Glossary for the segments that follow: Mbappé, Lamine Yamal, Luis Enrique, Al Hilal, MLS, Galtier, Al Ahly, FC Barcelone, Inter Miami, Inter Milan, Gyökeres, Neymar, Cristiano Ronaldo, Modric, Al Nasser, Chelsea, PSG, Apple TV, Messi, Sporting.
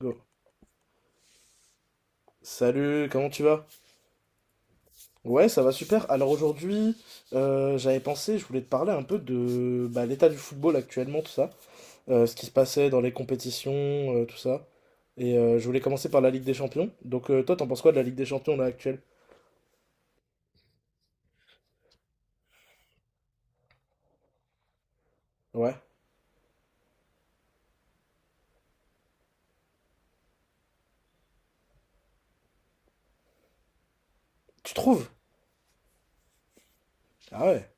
Go. Salut, comment tu vas? Ouais, ça va super. Alors aujourd'hui, j'avais pensé, je voulais te parler un peu de l'état du football actuellement, tout ça. Ce qui se passait dans les compétitions, tout ça. Et je voulais commencer par la Ligue des Champions. Donc toi, t'en penses quoi de la Ligue des Champions là actuelle? Ouais. Tu trouves? Ah ouais.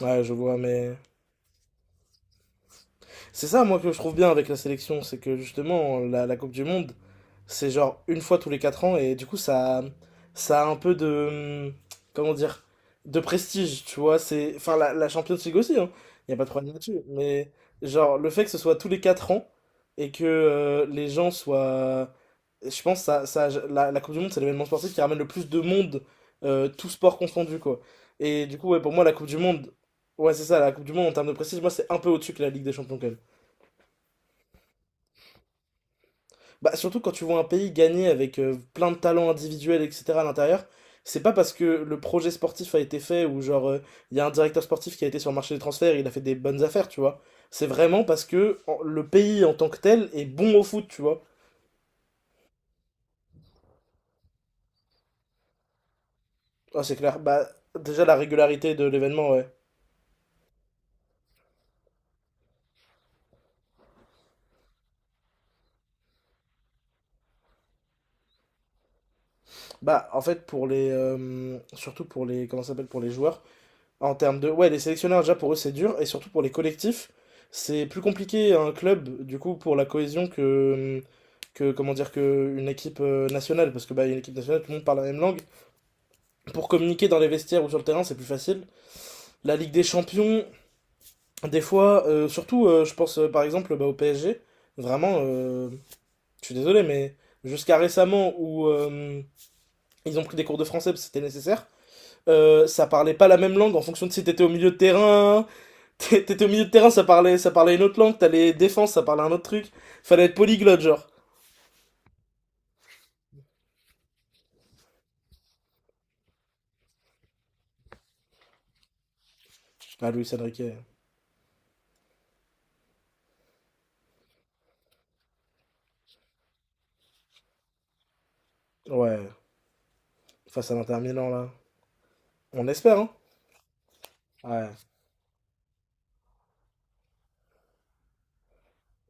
Ouais, je vois, mais c'est ça, moi, que je trouve bien avec la sélection, c'est que justement, la Coupe du Monde, c'est genre une fois tous les 4 ans, et du coup, ça a un peu de. Comment dire de prestige, tu vois. C'est, enfin, la Champions League aussi, hein. Il n'y a pas de problème là-dessus. Mais genre, le fait que ce soit tous les 4 ans, et que les gens soient. Je pense que la Coupe du Monde, c'est l'événement sportif qui ramène le plus de monde, tout sport confondu, quoi. Et du coup, ouais, pour moi, la Coupe du Monde, ouais, c'est ça, la Coupe du Monde en termes de prestige, moi, c'est un peu au-dessus que la Ligue des Champions, quand même. Bah, surtout quand tu vois un pays gagner avec plein de talents individuels, etc. à l'intérieur, c'est pas parce que le projet sportif a été fait ou genre il y a un directeur sportif qui a été sur le marché des transferts et il a fait des bonnes affaires, tu vois. C'est vraiment parce que le pays en tant que tel est bon au foot, tu vois. Ah, c'est clair. Bah, déjà la régularité de l'événement, ouais. Bah, en fait, pour les. Surtout pour les. Comment ça s'appelle? Pour les joueurs. En termes de... Ouais, les sélectionneurs, déjà, pour eux, c'est dur. Et surtout pour les collectifs, c'est plus compliqué un club, du coup, pour la cohésion que comment dire, que une équipe nationale. Parce que, bah, une équipe nationale, tout le monde parle la même langue. Pour communiquer dans les vestiaires ou sur le terrain, c'est plus facile. La Ligue des Champions, des fois, surtout, je pense, par exemple, bah, au PSG, vraiment, je suis désolé, mais jusqu'à récemment, où ils ont pris des cours de français parce que c'était nécessaire, ça parlait pas la même langue en fonction de si t'étais au milieu de terrain. T'étais au milieu de terrain, ça parlait une autre langue, t'allais défense, ça parlait un autre truc. Fallait être polyglotte, genre. Ah, Luis Enrique. Ouais, face à l'Inter Milan, là. On espère, hein. Ouais.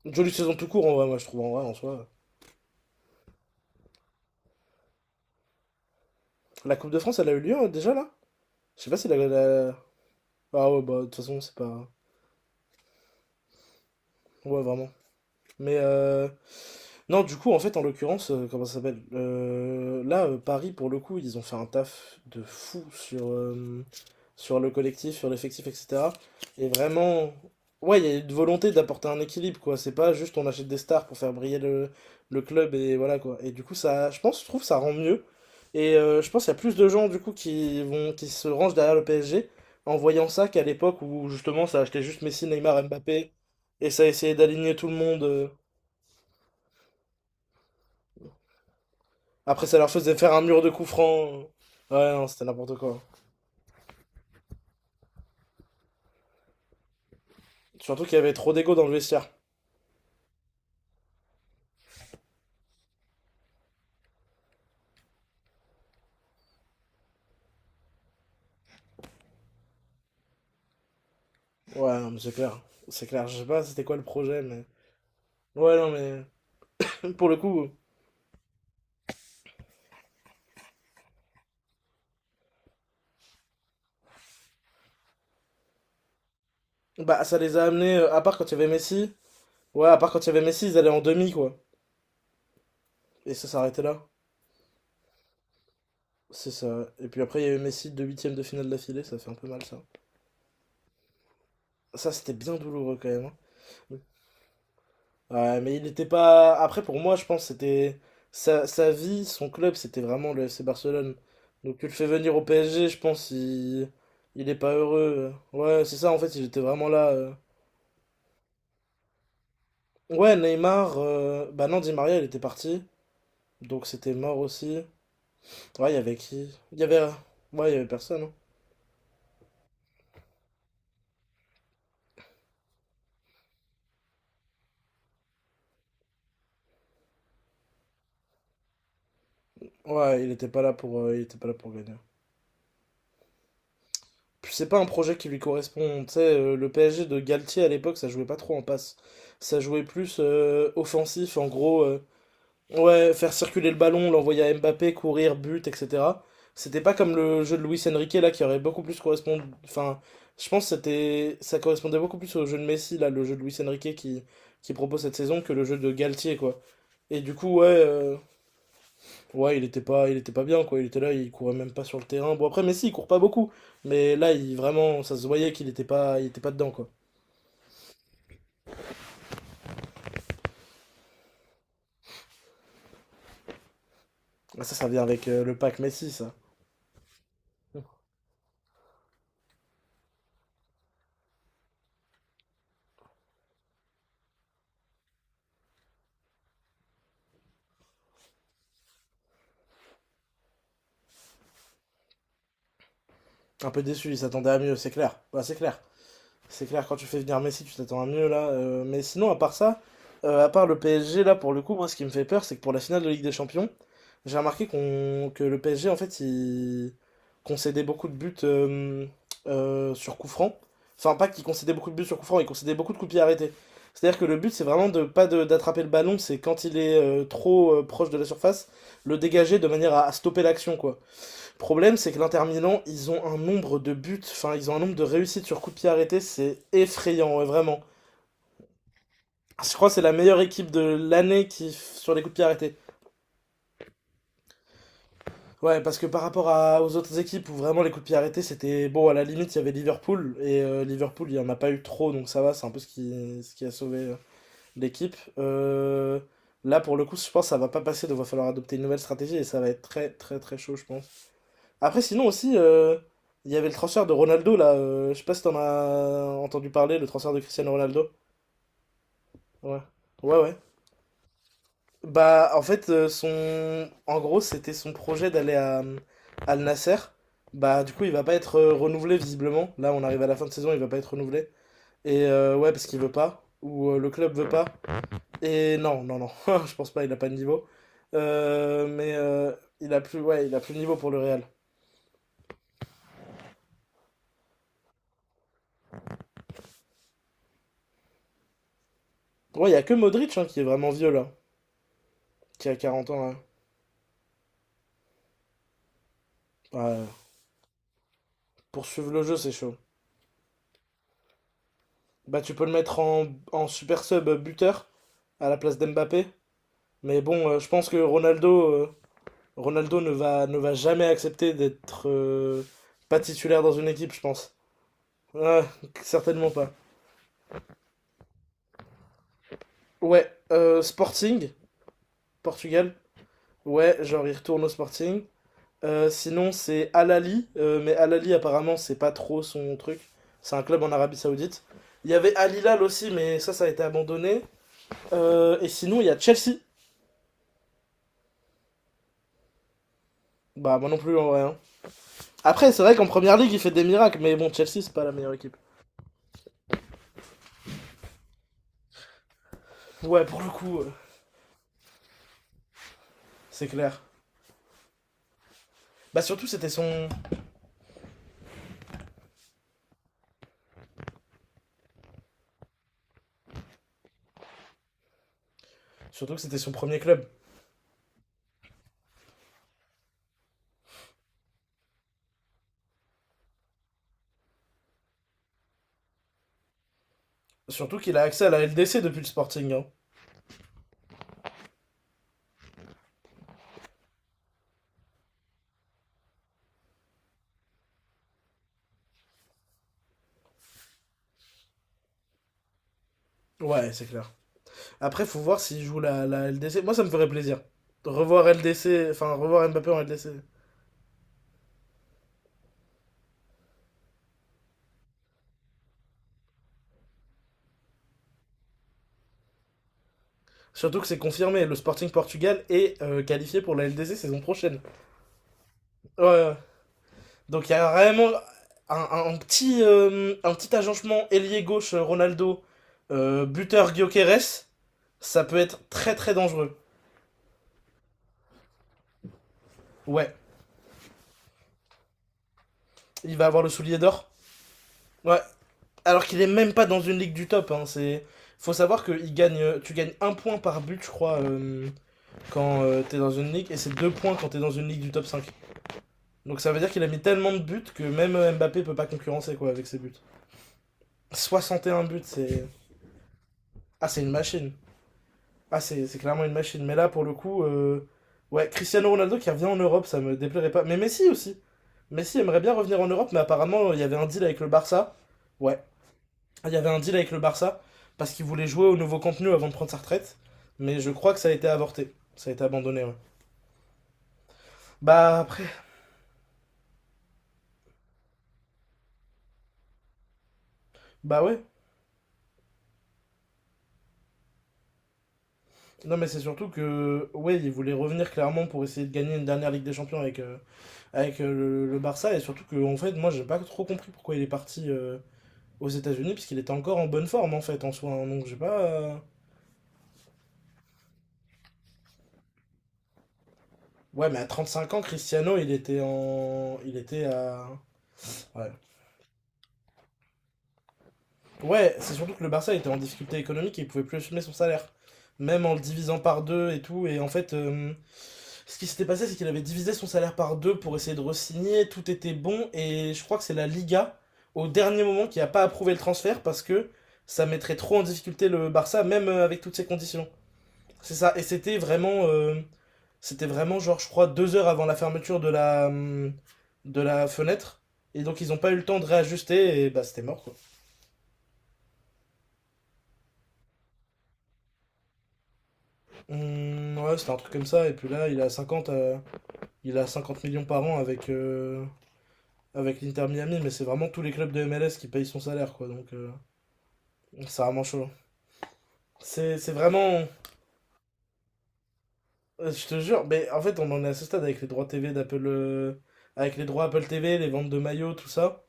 Une jolie saison tout court, en vrai, moi, je trouve, en vrai, en soi. La Coupe de France, elle a eu lieu, déjà, là? Je sais pas si Ah ouais, bah, de toute façon, c'est pas... Ouais, vraiment. Mais non, du coup, en fait, en l'occurrence, comment ça s'appelle? Là, Paris, pour le coup, ils ont fait un taf de fou sur, sur le collectif, sur l'effectif, etc. Et vraiment, ouais, il y a une volonté d'apporter un équilibre, quoi. C'est pas juste on achète des stars pour faire briller le club et voilà, quoi. Et du coup, ça, je pense, je trouve, ça rend mieux. Et je pense qu'il y a plus de gens, du coup, qui se rangent derrière le PSG en voyant ça qu'à l'époque où, justement, ça achetait juste Messi, Neymar, Mbappé et ça essayait d'aligner tout le monde. Après, ça leur faisait faire un mur de coups francs. Ouais, non, c'était n'importe quoi. Surtout qu'il y avait trop d'ego dans le vestiaire. Ouais, non, mais c'est clair. C'est clair, je sais pas c'était quoi le projet, mais. Ouais, non, mais. Pour le coup, bah, ça les a amenés, à part quand il y avait Messi. Ouais, à part quand il y avait Messi, ils allaient en demi, quoi. Et ça s'arrêtait là. C'est ça. Et puis après, il y avait Messi de huitième de finale d'affilée, ça fait un peu mal, ça. Ça, c'était bien douloureux quand même, hein. Ouais, mais il n'était pas. Après, pour moi, je pense que c'était sa vie, son club, c'était vraiment le FC Barcelone. Donc, tu le fais venir au PSG, je pense il est pas heureux. Ouais, c'est ça, en fait, il était vraiment là. Ouais, Neymar, bah non, Di Maria, il était parti. Donc, c'était mort aussi. Ouais, il y avait qui? Il y avait. Ouais, il y avait personne, hein. Ouais, il était pas là pour, il était pas là pour gagner. Puis, c'est pas un projet qui lui correspond. Tu sais, le PSG de Galtier à l'époque, ça jouait pas trop en passe. Ça jouait plus offensif, en gros. Ouais, faire circuler le ballon, l'envoyer à Mbappé, courir, but, etc. C'était pas comme le jeu de Luis Enrique là qui aurait beaucoup plus correspondu. Enfin, je pense que c'était ça correspondait beaucoup plus au jeu de Messi là, le jeu de Luis Enrique qui propose cette saison que le jeu de Galtier quoi. Et du coup ouais ouais il était pas bien quoi. Il était là, il courait même pas sur le terrain. Bon après Messi il court pas beaucoup, mais là il vraiment ça se voyait qu'il était pas dedans quoi. Ah, ça ça vient avec le pack Messi ça. Un peu déçu, il s'attendait à mieux, c'est clair. Bah, c'est clair. C'est clair, quand tu fais venir Messi, tu t'attends à mieux là. Mais sinon, à part ça, à part le PSG, là, pour le coup, moi, ce qui me fait peur, c'est que pour la finale de Ligue des Champions, j'ai remarqué qu'on que le PSG, en fait, il concédait beaucoup de buts sur coup franc. Enfin, pas qu'il concédait beaucoup de buts sur coup franc, il concédait beaucoup de coups pieds arrêtés. C'est-à-dire que le but, c'est vraiment de pas d'attraper le ballon, c'est quand il est trop proche de la surface, le dégager de manière à stopper l'action, quoi. Le problème, c'est que l'Inter Milan, ils ont un nombre de buts, enfin, ils ont un nombre de réussites sur coup de pied arrêté, c'est effrayant, ouais, vraiment. Je crois que c'est la meilleure équipe de l'année qui sur les coups de pied arrêtés. Ouais, parce que par rapport à, aux autres équipes où vraiment les coups de pied arrêtés, c'était bon, à la limite, il y avait Liverpool, et Liverpool, il n'y en a pas eu trop, donc ça va, c'est un peu ce qui a sauvé l'équipe. Là, pour le coup, je pense que ça va pas passer, donc il va falloir adopter une nouvelle stratégie, et ça va être très, très, très chaud, je pense. Après, sinon aussi, il y avait le transfert de Ronaldo là. Je sais pas si t'en as entendu parler, le transfert de Cristiano Ronaldo. Ouais, ouais, ouais. Bah, en fait, en gros, c'était son projet d'aller à Al Nasser. Bah, du coup, il va pas être renouvelé visiblement. Là, on arrive à la fin de saison, il va pas être renouvelé. Et ouais, parce qu'il veut pas, ou le club veut pas. Et non, non, non, je pense pas, il a pas de niveau. Mais il a plus, ouais, il a plus de niveau pour le Real. Ouais, il y a que Modric hein, qui est vraiment vieux là, qui a 40 ans, hein. Ouais, pour suivre le jeu, c'est chaud. Bah, tu peux le mettre en, en super sub buteur à la place d'Mbappé. Mais bon, je pense que Ronaldo ne va, ne va jamais accepter d'être pas titulaire dans une équipe, je pense. Ouais, certainement pas. Ouais, Sporting, Portugal. Ouais, genre il retourne au Sporting. Sinon, c'est Al Ahly, mais Al Ahly apparemment, c'est pas trop son truc. C'est un club en Arabie Saoudite. Il y avait Al Hilal aussi, mais ça a été abandonné. Et sinon, il y a Chelsea. Bah, moi non plus en vrai, hein. Après, c'est vrai qu'en première ligue, il fait des miracles, mais bon, Chelsea, c'est pas la meilleure équipe. Ouais, pour le coup, c'est clair. Bah, surtout, c'était son... surtout que c'était son premier club. Surtout qu'il a accès à la LDC depuis le Sporting, hein. Ouais, c'est clair. Après, faut voir s'il joue la LDC. Moi, ça me ferait plaisir. De revoir LDC, enfin, revoir Mbappé en LDC. Surtout que c'est confirmé, le Sporting Portugal est qualifié pour la LDC saison prochaine. Ouais, ouais. Donc il y a vraiment un, un petit agencement ailier gauche Ronaldo, buteur Gyökeres, ça peut être très très dangereux. Ouais, il va avoir le soulier d'or. Ouais, alors qu'il est même pas dans une ligue du top. Hein, c'est faut savoir que il gagne, tu gagnes un point par but, je crois, quand t'es dans une ligue, et c'est deux points quand t'es dans une ligue du top 5. Donc ça veut dire qu'il a mis tellement de buts que même Mbappé peut pas concurrencer quoi avec ses buts. 61 buts, c'est ah, c'est une machine. Ah, c'est clairement une machine. Mais là, pour le coup, ouais, Cristiano Ronaldo qui revient en Europe, ça me déplairait pas. Mais Messi aussi. Messi aimerait bien revenir en Europe, mais apparemment, il y avait un deal avec le Barça. Ouais, il y avait un deal avec le Barça parce qu'il voulait jouer au nouveau contenu avant de prendre sa retraite. Mais je crois que ça a été avorté. Ça a été abandonné, ouais. Bah, après, bah ouais. Non, mais c'est surtout que, ouais, il voulait revenir clairement pour essayer de gagner une dernière Ligue des Champions avec, le Barça. Et surtout que, en fait, moi, j'ai pas trop compris pourquoi il est parti, aux États-Unis, parce qu'il était encore en bonne forme en fait en soi, hein. Donc j'ai pas. Ouais, mais à 35 ans, Cristiano, il était en. Il était à. Ouais. Ouais, c'est surtout que le Barça était en difficulté économique et il pouvait plus assumer son salaire. Même en le divisant par deux et tout. Et en fait, ce qui s'était passé, c'est qu'il avait divisé son salaire par deux pour essayer de re-signer. Tout était bon. Et je crois que c'est la Liga, au dernier moment, qui a pas approuvé le transfert parce que ça mettrait trop en difficulté le Barça, même avec toutes ces conditions. C'est ça. Et c'était vraiment. C'était vraiment genre, je crois, 2 heures avant la fermeture de la fenêtre. Et donc ils ont pas eu le temps de réajuster et bah c'était mort quoi. Ouais, c'était un truc comme ça. Et puis là, il a 50 millions par an avec, l'Inter Miami, mais c'est vraiment tous les clubs de MLS qui payent son salaire quoi. Donc c'est vraiment chaud. C'est vraiment. Je te jure, mais en fait, on en est à ce stade avec les droits TV d'Apple. Avec les droits Apple TV, les ventes de maillots, tout ça.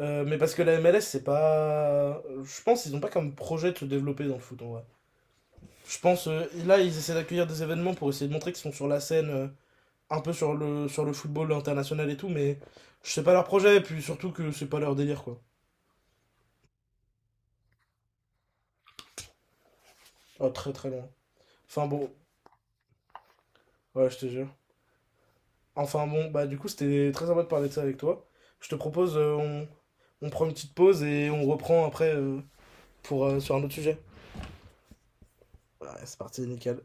Mais parce que la MLS, c'est pas. Je pense qu'ils n'ont pas comme projet de se développer dans le foot en vrai. Je pense, là, ils essaient d'accueillir des événements pour essayer de montrer qu'ils sont sur la scène, un peu sur le football international et tout, mais je sais pas leur projet, et puis surtout que c'est pas leur délire quoi. Oh, très très loin. Enfin bon, ouais, je te jure. Enfin bon, bah du coup, c'était très sympa de parler de ça avec toi. Je te propose, on prend une petite pause et on reprend après pour, sur un autre sujet. Ouais, c'est parti, nickel.